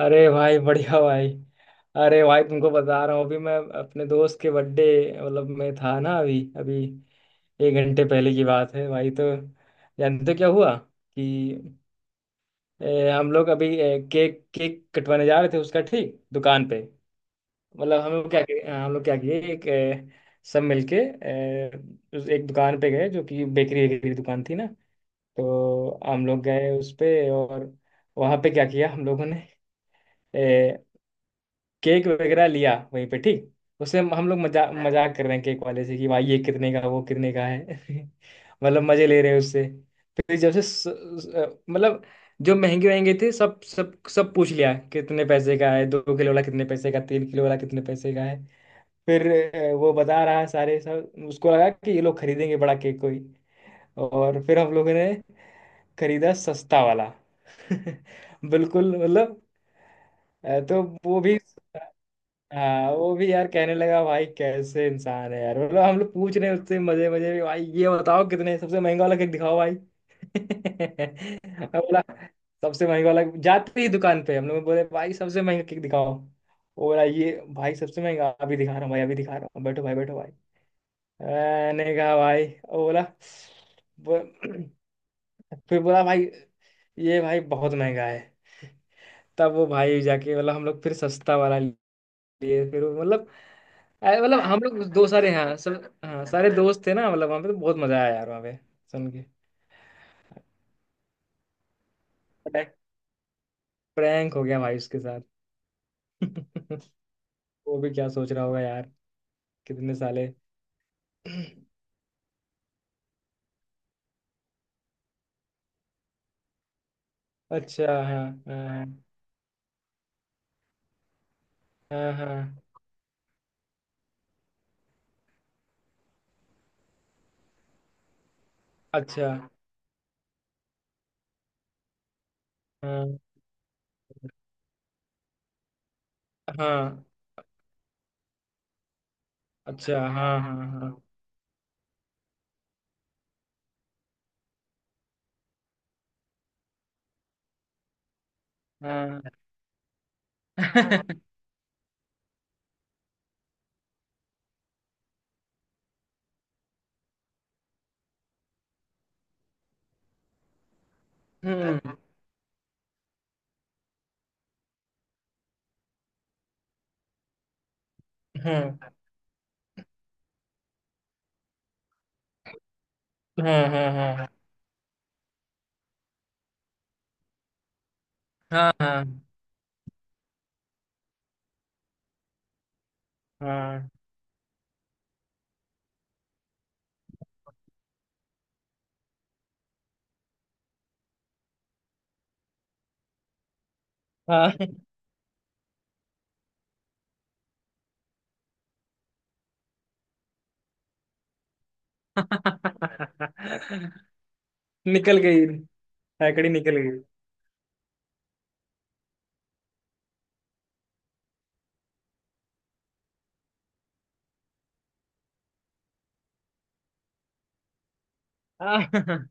अरे भाई, बढ़िया भाई। अरे भाई, तुमको बता रहा हूँ अभी। मैं अपने दोस्त के बर्थडे मतलब मैं था ना, अभी अभी, एक घंटे पहले की बात है भाई। तो जानते हो क्या हुआ कि हम लोग अभी केक केक कटवाने जा रहे थे उसका, ठीक, दुकान पे। मतलब हम लोग क्या किए, हम लोग क्या किए, एक सब मिलके उस एक दुकान पे गए जो कि बेकरी वेकरी की दुकान थी ना। तो हम लोग गए उस पे, और वहाँ पे क्या किया हम लोगों ने, केक वगैरह लिया वहीं पे, ठीक। उसमें हम लोग मजा मजाक कर रहे हैं केक वाले से कि भाई ये कितने का, वो कितने का है मतलब मजे ले रहे हैं उससे। फिर जब से मतलब जो महंगे महंगे थे सब सब सब पूछ लिया कितने पैसे का है, दो किलो वाला कितने पैसे का, तीन किलो वाला कितने पैसे का है। फिर वो बता रहा है सारे, सब। उसको लगा कि ये लोग खरीदेंगे बड़ा केक कोई, और फिर हम लोगों ने खरीदा सस्ता वाला बिल्कुल मतलब तो वो भी, हाँ वो भी यार कहने लगा भाई कैसे इंसान है यार। मतलब हम लोग पूछ रहे हैं उससे मजे मजे में भाई ये बताओ, कितने, सबसे महंगा वाला केक दिखाओ भाई मैं बोला सबसे महंगा वाला, जाते ही दुकान पे हम लोग बोले भाई सबसे महंगा केक दिखाओ। वो बोला ये भाई सबसे महंगा, अभी दिखा रहा हूँ भाई, अभी दिखा रहा हूँ, बैठो भाई बैठो भाई। मैंने कहा भाई, वो बोला बो- फिर बोला भाई ये भाई बहुत महंगा है। तब वो भाई जाके बोला, हम लोग फिर सस्ता वाला लिए, फिर वो- मतलब, अरे मतलब हम लोग दो सारे हैं, सब हाँ, सारे दोस्त थे ना मतलब वहाँ पे, तो बहुत मजा आया यार वहाँ पे। सुन के प्रैंक हो गया भाई उसके साथ वो भी क्या सोच रहा होगा यार, कितने साले। अच्छा, हाँ हाँ हाँ हाँ। अच्छा, हाँ हाँ। अच्छा, हाँ हाँ हाँ हाँ हम्म, हम्म, हाँ हाँ हाँ हाँ हाँ हाँ हाँ निकल गई, हैकड़ी निकल गई। हाँ,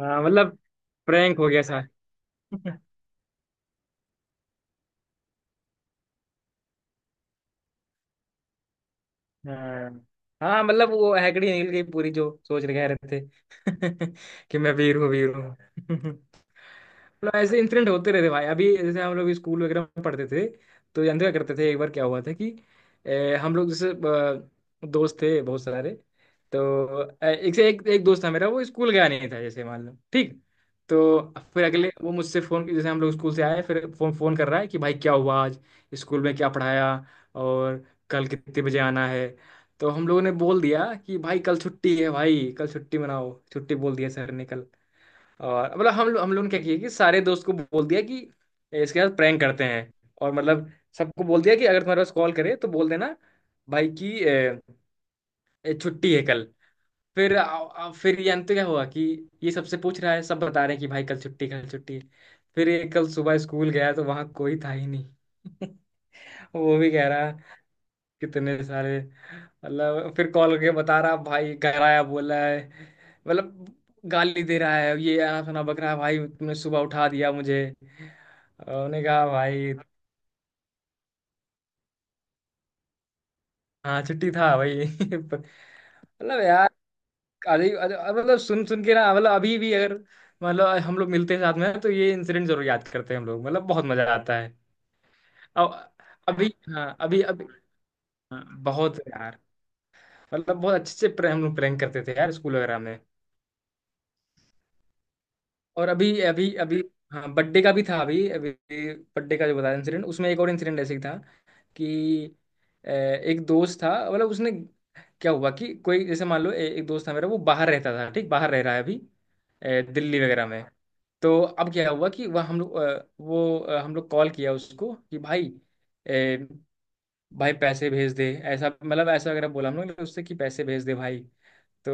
हाँ, मतलब प्रैंक हो गया सा। हाँ हाँ, मतलब वो हैकड़ी निकल गई पूरी, जो सोच रहे कह रहे थे कि मैं वीर हूँ, वीर हूँ मतलब ऐसे इंसिडेंट होते रहते भाई। अभी जैसे हम लोग स्कूल वगैरह में पढ़ते थे तो जानते क्या करते थे, एक बार क्या हुआ था कि हम लोग जैसे दोस्त थे बहुत सारे, तो एक से एक, एक दोस्त था मेरा, वो स्कूल गया नहीं था जैसे, मान लो, ठीक। तो फिर अगले वो मुझसे फोन, जैसे हम लोग स्कूल से आए, फिर फोन फोन कर रहा है कि भाई क्या हुआ आज, स्कूल में क्या पढ़ाया, और कल कितने बजे आना है। तो हम लोगों ने बोल दिया कि भाई कल छुट्टी है भाई, कल छुट्टी मनाओ, छुट्टी बोल दिया सर ने कल। और मतलब हम लोग ने क्या किया कि सारे दोस्त को बोल दिया कि इसके साथ प्रैंक करते हैं, और मतलब सबको बोल दिया कि अगर तुम्हारे पास कॉल करे तो बोल देना भाई की छुट्टी है कल। फिर आ, आ, फिर जानते क्या हुआ कि ये सबसे पूछ रहा है, सब बता रहे हैं कि भाई कल छुट्टी, कल छुट्टी। फिर ये कल सुबह स्कूल गया तो वहां कोई था ही नहीं वो भी कह रहा कितने सारे, मतलब फिर कॉल करके बता रहा भाई घर आया बोला है, मतलब गाली दे रहा है ये, आना सुना बकरा भाई तुमने सुबह उठा दिया मुझे। और उन्होंने कहा भाई, हाँ छुट्टी था भाई मतलब यार अजीब अजीब- मतलब सुन सुन के ना, मतलब अभी भी अगर मतलब हम लोग मिलते हैं साथ में तो ये इंसिडेंट जरूर याद करते हैं हम लोग, मतलब बहुत मजा आता है। अब अभी, हाँ अभी अभी, हाँ, बहुत यार। मतलब बहुत अच्छे से हम लोग प्रैंक करते थे यार स्कूल वगैरह में, और अभी अभी अभी, हाँ बर्थडे का भी था अभी अभी। बर्थडे का जो बताया इंसिडेंट, उसमें एक और इंसिडेंट ऐसे ही था कि एक दोस्त था, मतलब उसने क्या हुआ कि कोई जैसे, मान लो एक दोस्त था मेरा, वो बाहर रहता था ठीक, बाहर रह रहा है अभी दिल्ली वगैरह में। तो अब क्या हुआ कि वह हम लोग वो हम लोग कॉल किया उसको कि भाई अ, भाई पैसे भेज दे, ऐसा मतलब ऐसा वगैरह बोला हम लोग ने उससे कि पैसे भेज दे भाई। तो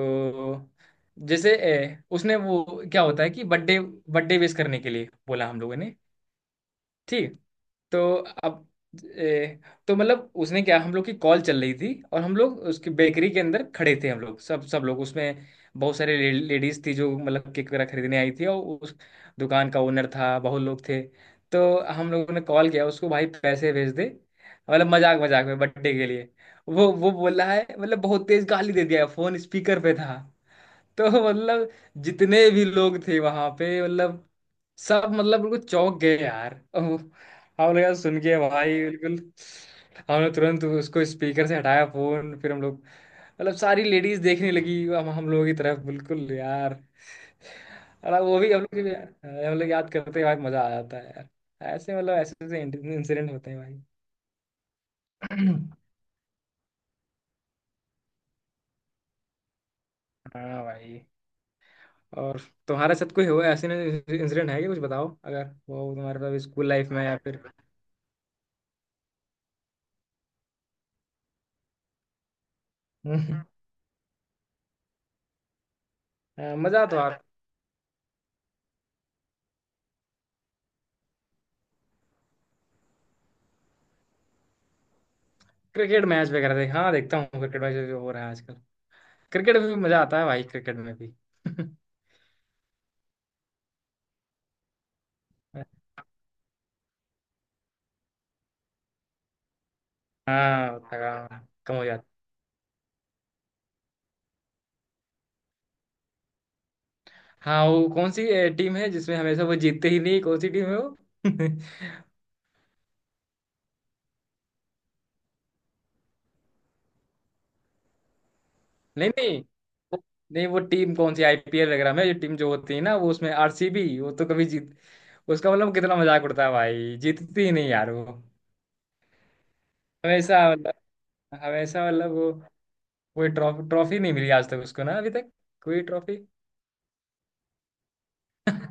जैसे उसने वो क्या होता है कि बर्थडे बर्थडे विश करने के लिए बोला हम लोगों ने, ठीक। तो अब ए, तो मतलब उसने क्या, हम लोग की कॉल चल रही थी और हम लोग उसकी बेकरी के अंदर खड़े थे हम लोग, सब सब लोग उसमें, बहुत सारे लेडीज थी जो मतलब केक वगैरह खरीदने आई थी, और उस दुकान का ओनर था, बहुत लोग थे। तो हम लोगों ने कॉल किया उसको भाई पैसे भेज दे, मतलब मजाक मजाक में बर्थडे के लिए। वो बोल रहा है, मतलब बहुत तेज गाली दे दिया, फोन स्पीकर पे था तो मतलब जितने भी लोग थे वहां पे मतलब, सब मतलब बिल्कुल चौंक गए यार। ओह, हम लगा सुन के भाई बिल्कुल। हमने तुरंत उसको स्पीकर से हटाया फोन, फिर हम लोग मतलब सारी लेडीज देखने लगी हम लोगों की तरफ बिल्कुल यार। और वो भी, हम लोग भी- हम लोग याद करते हैं भाई, मजा आ जाता है यार ऐसे। मतलब ऐसे ऐसे इंसिडेंट होते हैं भाई हाँ भाई। और तुम्हारे साथ कोई हुआ ऐसे इंसिडेंट है कि कुछ बताओ, अगर वो तुम्हारे साथ स्कूल लाइफ में या फिर मजा तो आप। क्रिकेट मैच वगैरह देख, हाँ देखता हूँ क्रिकेट मैच जो हो रहा है आजकल। क्रिकेट में भी मजा आता है भाई, क्रिकेट में भी हाँ, थकान कम हो जाता है। हाँ, वो कौन सी टीम है जिसमें हमेशा वो जीतते ही नहीं, कौन सी टीम है वो नहीं, नहीं वो-, नहीं वो टीम कौन सी, आईपीएल वगैरह में जो टीम जो होती है ना वो, उसमें आरसीबी, वो तो कभी जीत, उसका मतलब कितना मजाक उड़ता है भाई, जीतती ही नहीं यार वो, हमेशा मतलब, हमेशा मतलब वो कोई ट्रॉफी ट्रॉफी नहीं मिली आज तक उसको ना, अभी तक कोई ट्रॉफी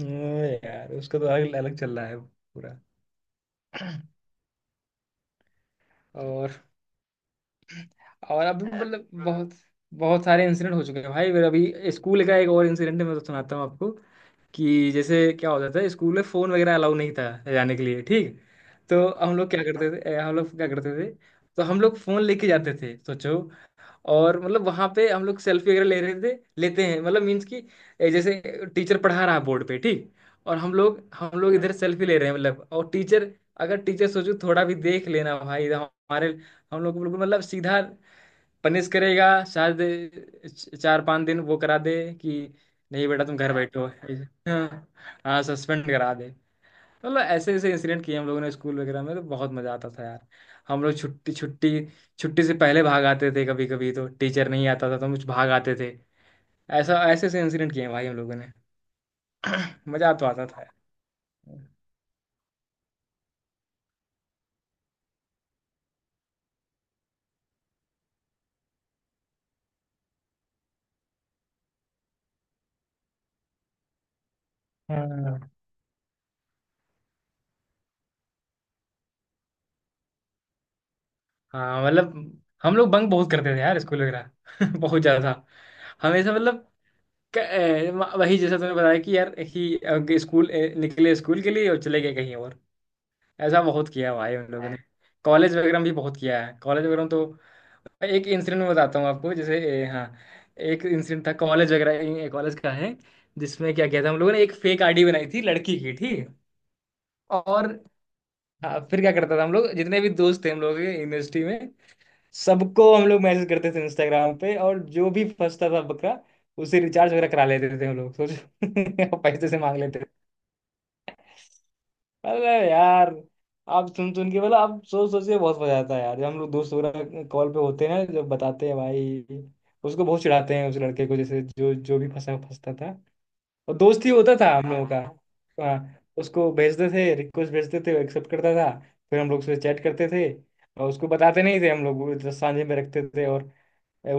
यार उसको तो अलग अलग चल रहा है पूरा। और और अभी मतलब बहुत, बहुत सारे इंसिडेंट हो चुके हैं भाई मेरा। अभी स्कूल का एक और इंसिडेंट मैं तो सुनाता हूँ आपको कि जैसे क्या होता था स्कूल में फ़ोन वगैरह अलाउ नहीं था, जाने के लिए, ठीक। तो हम लोग क्या करते थे, हम लोग क्या करते थे, तो हम लोग फ़ोन लेके जाते थे सोचो, और मतलब वहां पे हम लोग सेल्फी वगैरह ले रहे थे, लेते हैं मतलब, मीन्स कि जैसे टीचर पढ़ा रहा है बोर्ड पे ठीक, और हम लोग इधर सेल्फी ले रहे हैं मतलब। और टीचर अगर, टीचर सोचो थोड़ा भी देख लेना भाई इधर हमारे, हम लोग को बिल्कुल मतलब सीधा पनिश करेगा। शायद चार पांच दिन वो करा दे कि नहीं बेटा तुम घर बैठो, हाँ, हाँ सस्पेंड करा दे। मतलब ऐसे ऐसे इंसिडेंट किए हम लोगों ने स्कूल वगैरह में, तो बहुत मजा आता था यार। हम लोग छुट्टी छुट्टी, छुट्टी से पहले भाग आते थे, कभी कभी तो टीचर नहीं आता था तो हम भाग आते थे। ऐसा ऐसे ऐसे इंसिडेंट किए हैं भाई हम लोगों ने मजा तो आता था यार। हाँ हाँ मतलब हम लोग बंक बहुत करते थे यार स्कूल वगैरह बहुत ज्यादा। हमेशा मतलब क- ए, वही जैसा तुमने बताया कि यार ही स्कूल निकले स्कूल के लिए और चले गए कहीं और, ऐसा बहुत किया है भाई हम लोगों ने। कॉलेज वगैरह में भी बहुत किया है। कॉलेज वगैरह में तो एक इंसिडेंट मैं बताता हूँ आपको जैसे हाँ, एक इंसिडेंट था कॉलेज वगैरह, कॉलेज का है, जिसमें क्या किया था हम लोगों ने, एक फेक आईडी बनाई थी लड़की की, ठीक है? और हाँ, फिर क्या करता था हम लोग, जितने भी दोस्त थे हम लोग के यूनिवर्सिटी में, सबको हम लोग मैसेज करते थे इंस्टाग्राम पे, और जो भी फंसता था बकरा उसे रिचार्ज वगैरह करा लेते थे हम लोग, सोचो पैसे से मांग लेते। अरे यार, आप सुन सुन के बोला, आप सोच सोच के बहुत मजा आता है यार। जब हम लोग दोस्त वगैरह कॉल पे होते हैं ना, जब बताते हैं भाई उसको, बहुत चिढ़ाते हैं उस लड़के को जैसे, जो जो भी फंसा फंसता था, और दोस्त ही होता था हम लोगों का। हाँ, उसको भेजते थे रिक्वेस्ट, भेजते थे, एक्सेप्ट करता था, फिर हम लोग उससे चैट करते थे। और उसको बताते नहीं थे हम लोग, वो तो सांझे में रखते थे, और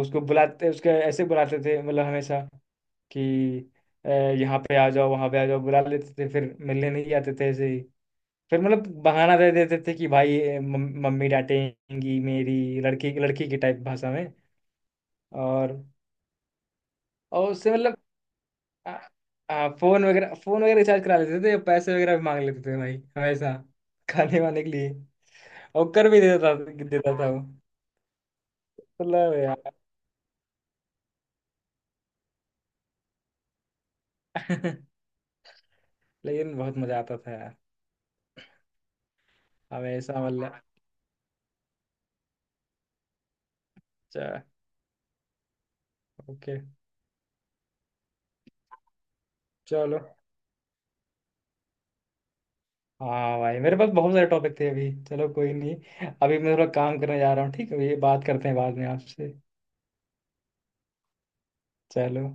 उसको बुलाते उसके ऐसे बुलाते थे मतलब हमेशा कि यहाँ पे आ जाओ वहाँ पे आ जाओ, बुला लेते थे फिर मिलने नहीं आते थे ऐसे ही। फिर मतलब बहाना दे देते थे कि भाई मम्मी डांटेंगी मेरी, लड़की लड़की की टाइप भाषा में, और। और उससे मतलब आ, आ, फोन वगैरह रिचार्ज करा लेते थे, पैसे वगैरह भी मांग लेते थे भाई हमेशा, खाने वाने के लिए, और कर भी देता था, देता था वो। मतलब यार लेकिन बहुत मजा आता था यार, हमेशा मतलब। अच्छा, ओके, चलो। हाँ भाई, मेरे पास बहुत सारे टॉपिक थे अभी, चलो कोई नहीं। अभी मैं थोड़ा काम करने जा रहा हूँ, ठीक है, ये बात करते हैं बाद में आपसे। चलो।